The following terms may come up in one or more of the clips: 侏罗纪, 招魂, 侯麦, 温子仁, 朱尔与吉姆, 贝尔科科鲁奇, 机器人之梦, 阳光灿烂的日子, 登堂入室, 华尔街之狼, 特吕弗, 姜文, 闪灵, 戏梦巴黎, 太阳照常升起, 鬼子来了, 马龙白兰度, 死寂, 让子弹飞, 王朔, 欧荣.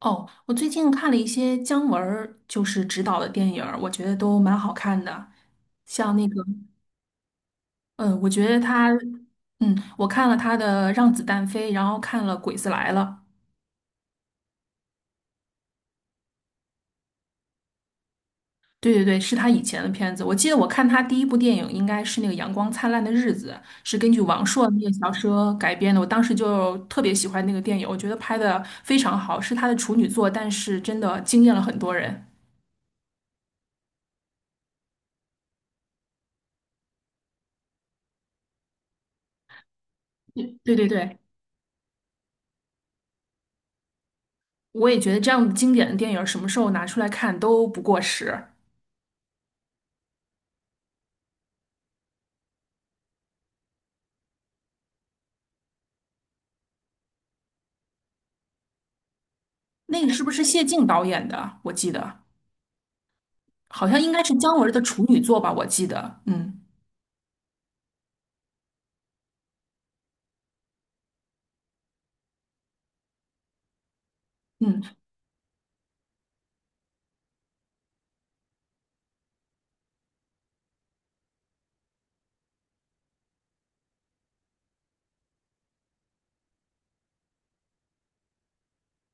哦，我最近看了一些姜文儿执导的电影儿，我觉得都蛮好看的。像那个，嗯，我觉得他，嗯，我看了他的《让子弹飞》，然后看了《鬼子来了》。对对对，是他以前的片子。我记得我看他第一部电影应该是那个《阳光灿烂的日子》，是根据王朔那个小说改编的。我当时就特别喜欢那个电影，我觉得拍的非常好，是他的处女作，但是真的惊艳了很多人。对对对。我也觉得这样经典的电影什么时候拿出来看都不过时。那个是不是谢晋导演的？我记得好像应该是姜文的处女作吧，我记得。嗯。嗯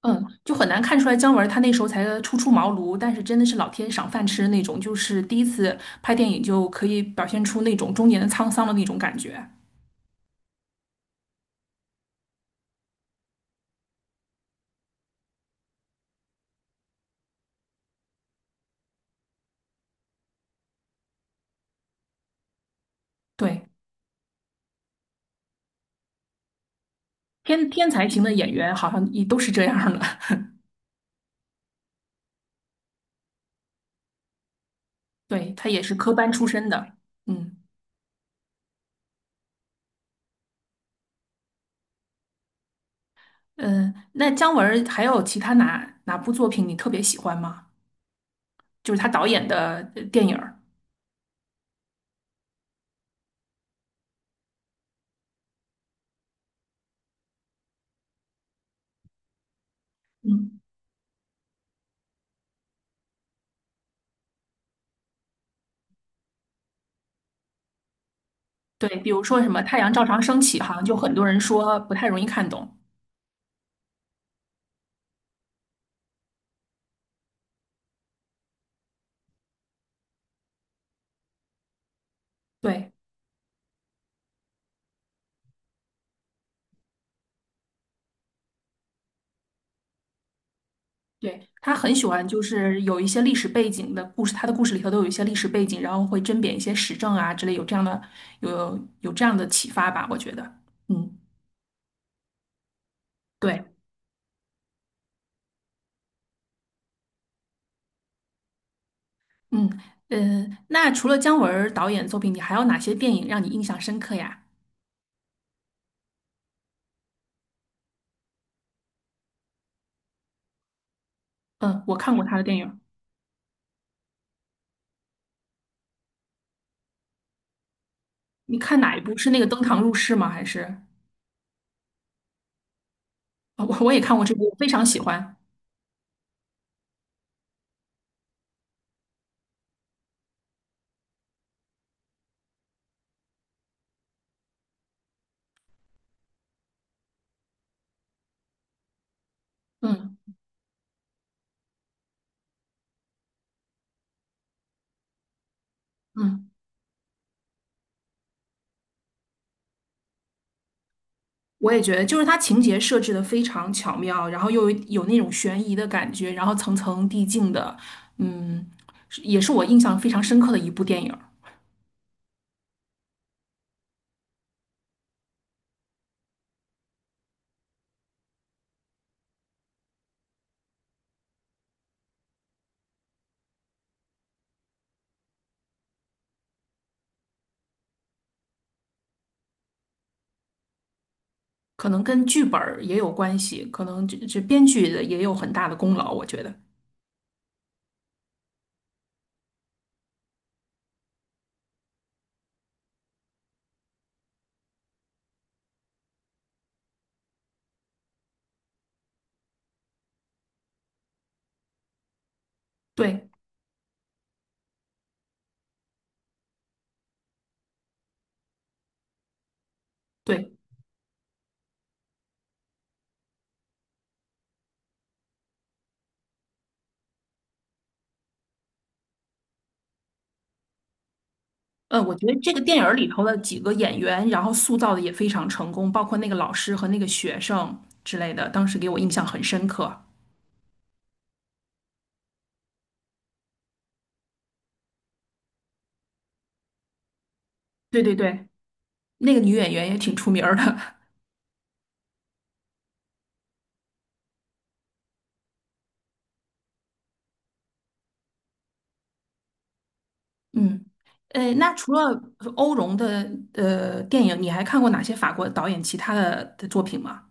嗯，就很难看出来姜文他那时候才初出茅庐，但是真的是老天赏饭吃的那种，就是第一次拍电影就可以表现出那种中年的沧桑的那种感觉。对，天才型的演员好像也都是这样的。对，他也是科班出身的。嗯。嗯，那姜文儿还有其他哪部作品你特别喜欢吗？就是他导演的电影儿。嗯，对，比如说什么《太阳照常升起》，好像就很多人说不太容易看懂。对，对，他很喜欢，就是有一些历史背景的故事，他的故事里头都有一些历史背景，然后会甄别一些时政啊之类，有这样的有这样的启发吧，我觉得。嗯，对，嗯。嗯，那除了姜文儿导演作品，你还有哪些电影让你印象深刻呀？嗯，我看过他的电影。你看哪一部？是那个《登堂入室》吗？还是哦我也看过这部，我非常喜欢。嗯。嗯，我也觉得，就是它情节设置的非常巧妙，然后又有那种悬疑的感觉，然后层层递进的，嗯，是也是我印象非常深刻的一部电影儿。可能跟剧本儿也有关系，可能这编剧的也有很大的功劳，我觉得。对对，我觉得这个电影儿里头的几个演员，然后塑造的也非常成功，包括那个老师和那个学生之类的，当时给我印象很深刻。对对对，那个女演员也挺出名儿的。嗯，呃，那除了欧荣的电影，你还看过哪些法国导演其他的作品吗？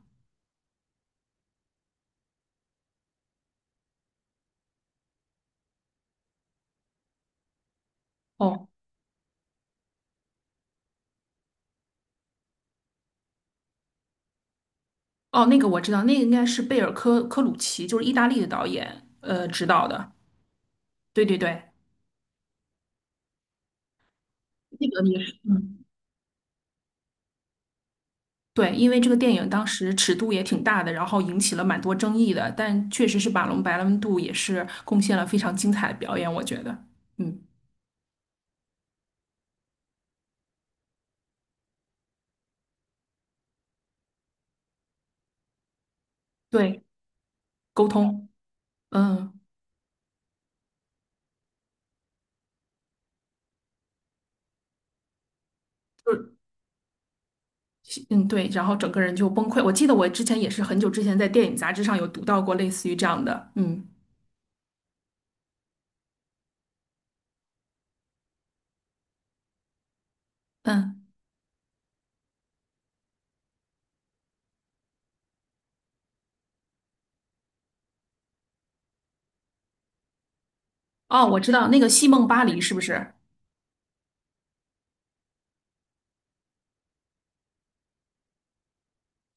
哦哦，那个我知道，那个应该是贝尔科鲁奇，就是意大利的导演执导的。对对对，那个也是，嗯，对，因为这个电影当时尺度也挺大的，然后引起了蛮多争议的，但确实是马龙白兰度也是贡献了非常精彩的表演，我觉得。嗯，对，沟通，嗯。就嗯，对，然后整个人就崩溃。我记得我之前也是很久之前在电影杂志上有读到过类似于这样的，嗯。嗯，哦，我知道那个《戏梦巴黎》是不是？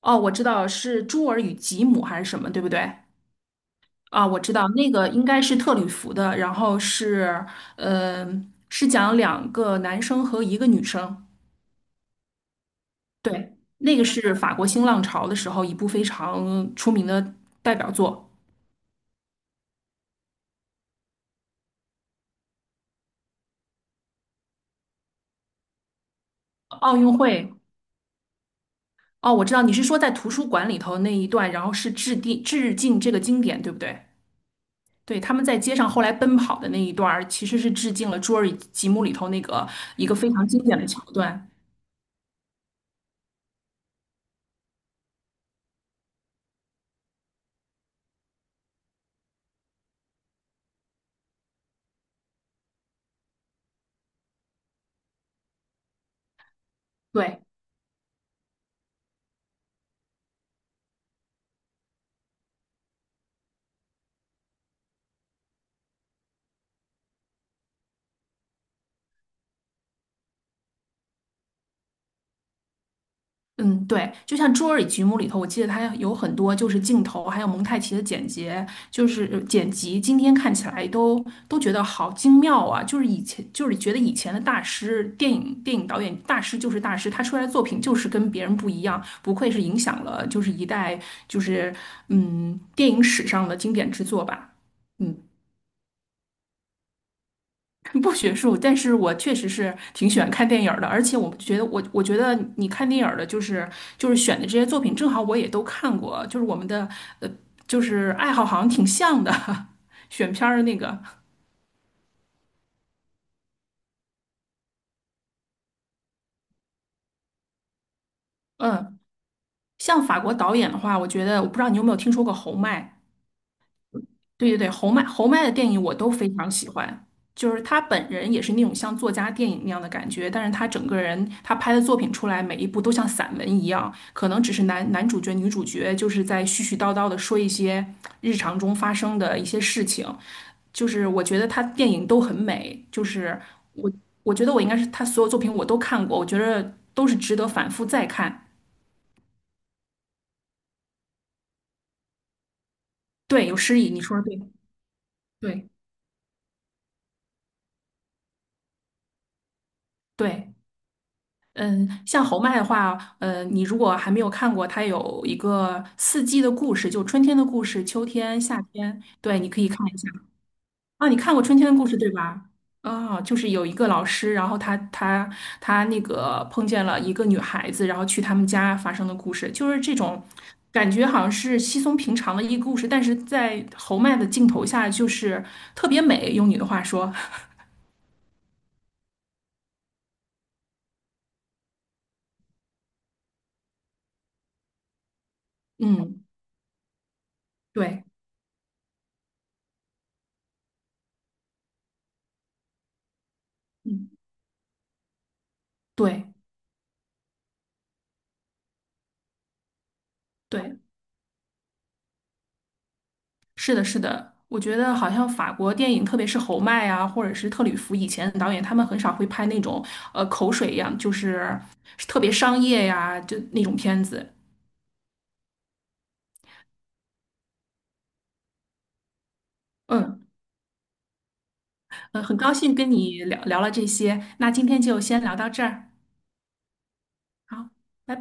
哦，我知道是朱尔与吉姆还是什么，对不对？啊，我知道那个应该是特吕弗的，然后是，呃，是讲两个男生和一个女生，对，那个是法国新浪潮的时候一部非常出名的代表作，奥运会。哦，我知道你是说在图书馆里头那一段，然后是致敬这个经典，对不对？对，他们在街上后来奔跑的那一段儿其实是致敬了《侏尔纪》节目里头一个非常经典的桥段。对，嗯，对，就像《侏罗纪节目》里头，我记得它有很多就是镜头，还有蒙太奇的剪辑，剪辑。今天看起来都觉得好精妙啊！就是以前就是觉得以前的大师，电影导演大师就是大师，他出来的作品就是跟别人不一样，不愧是影响了一代就是电影史上的经典之作吧。嗯。不学术，但是我确实是挺喜欢看电影儿的，而且我觉得你看电影儿的，就是选的这些作品，正好我也都看过，就是我们的呃，就是爱好好像挺像的，选片儿的那个，嗯，像法国导演的话，我觉得我不知道你有没有听说过侯麦，对对对，侯麦的电影我都非常喜欢，就是他本人也是那种像作家电影那样的感觉，但是他整个人他拍的作品出来，每一部都像散文一样，可能只是男主角、女主角就是在絮絮叨叨的说一些日常中发生的一些事情，就是我觉得他电影都很美，我我觉得我应该是他所有作品我都看过，我觉得都是值得反复再看。对，有诗意，你说的对，对对。嗯，像侯麦的话，呃，你如果还没有看过，它有一个四季的故事，就春天的故事、秋天、夏天，对，你可以看一下。啊，你看过春天的故事对吧？啊，就是有一个老师，然后他那个碰见了一个女孩子，然后去他们家发生的故事，就是这种感觉，好像是稀松平常的一个故事，但是在侯麦的镜头下，就是特别美，用你的话说，嗯，对，嗯，对。对是的，是的，我觉得好像法国电影，特别是侯麦啊，或者是特吕弗以前的导演，他们很少会拍那种呃口水一样，就是特别商业呀，就那种片子。嗯，呃，很高兴跟你聊聊了这些，那今天就先聊到这儿，好，拜拜。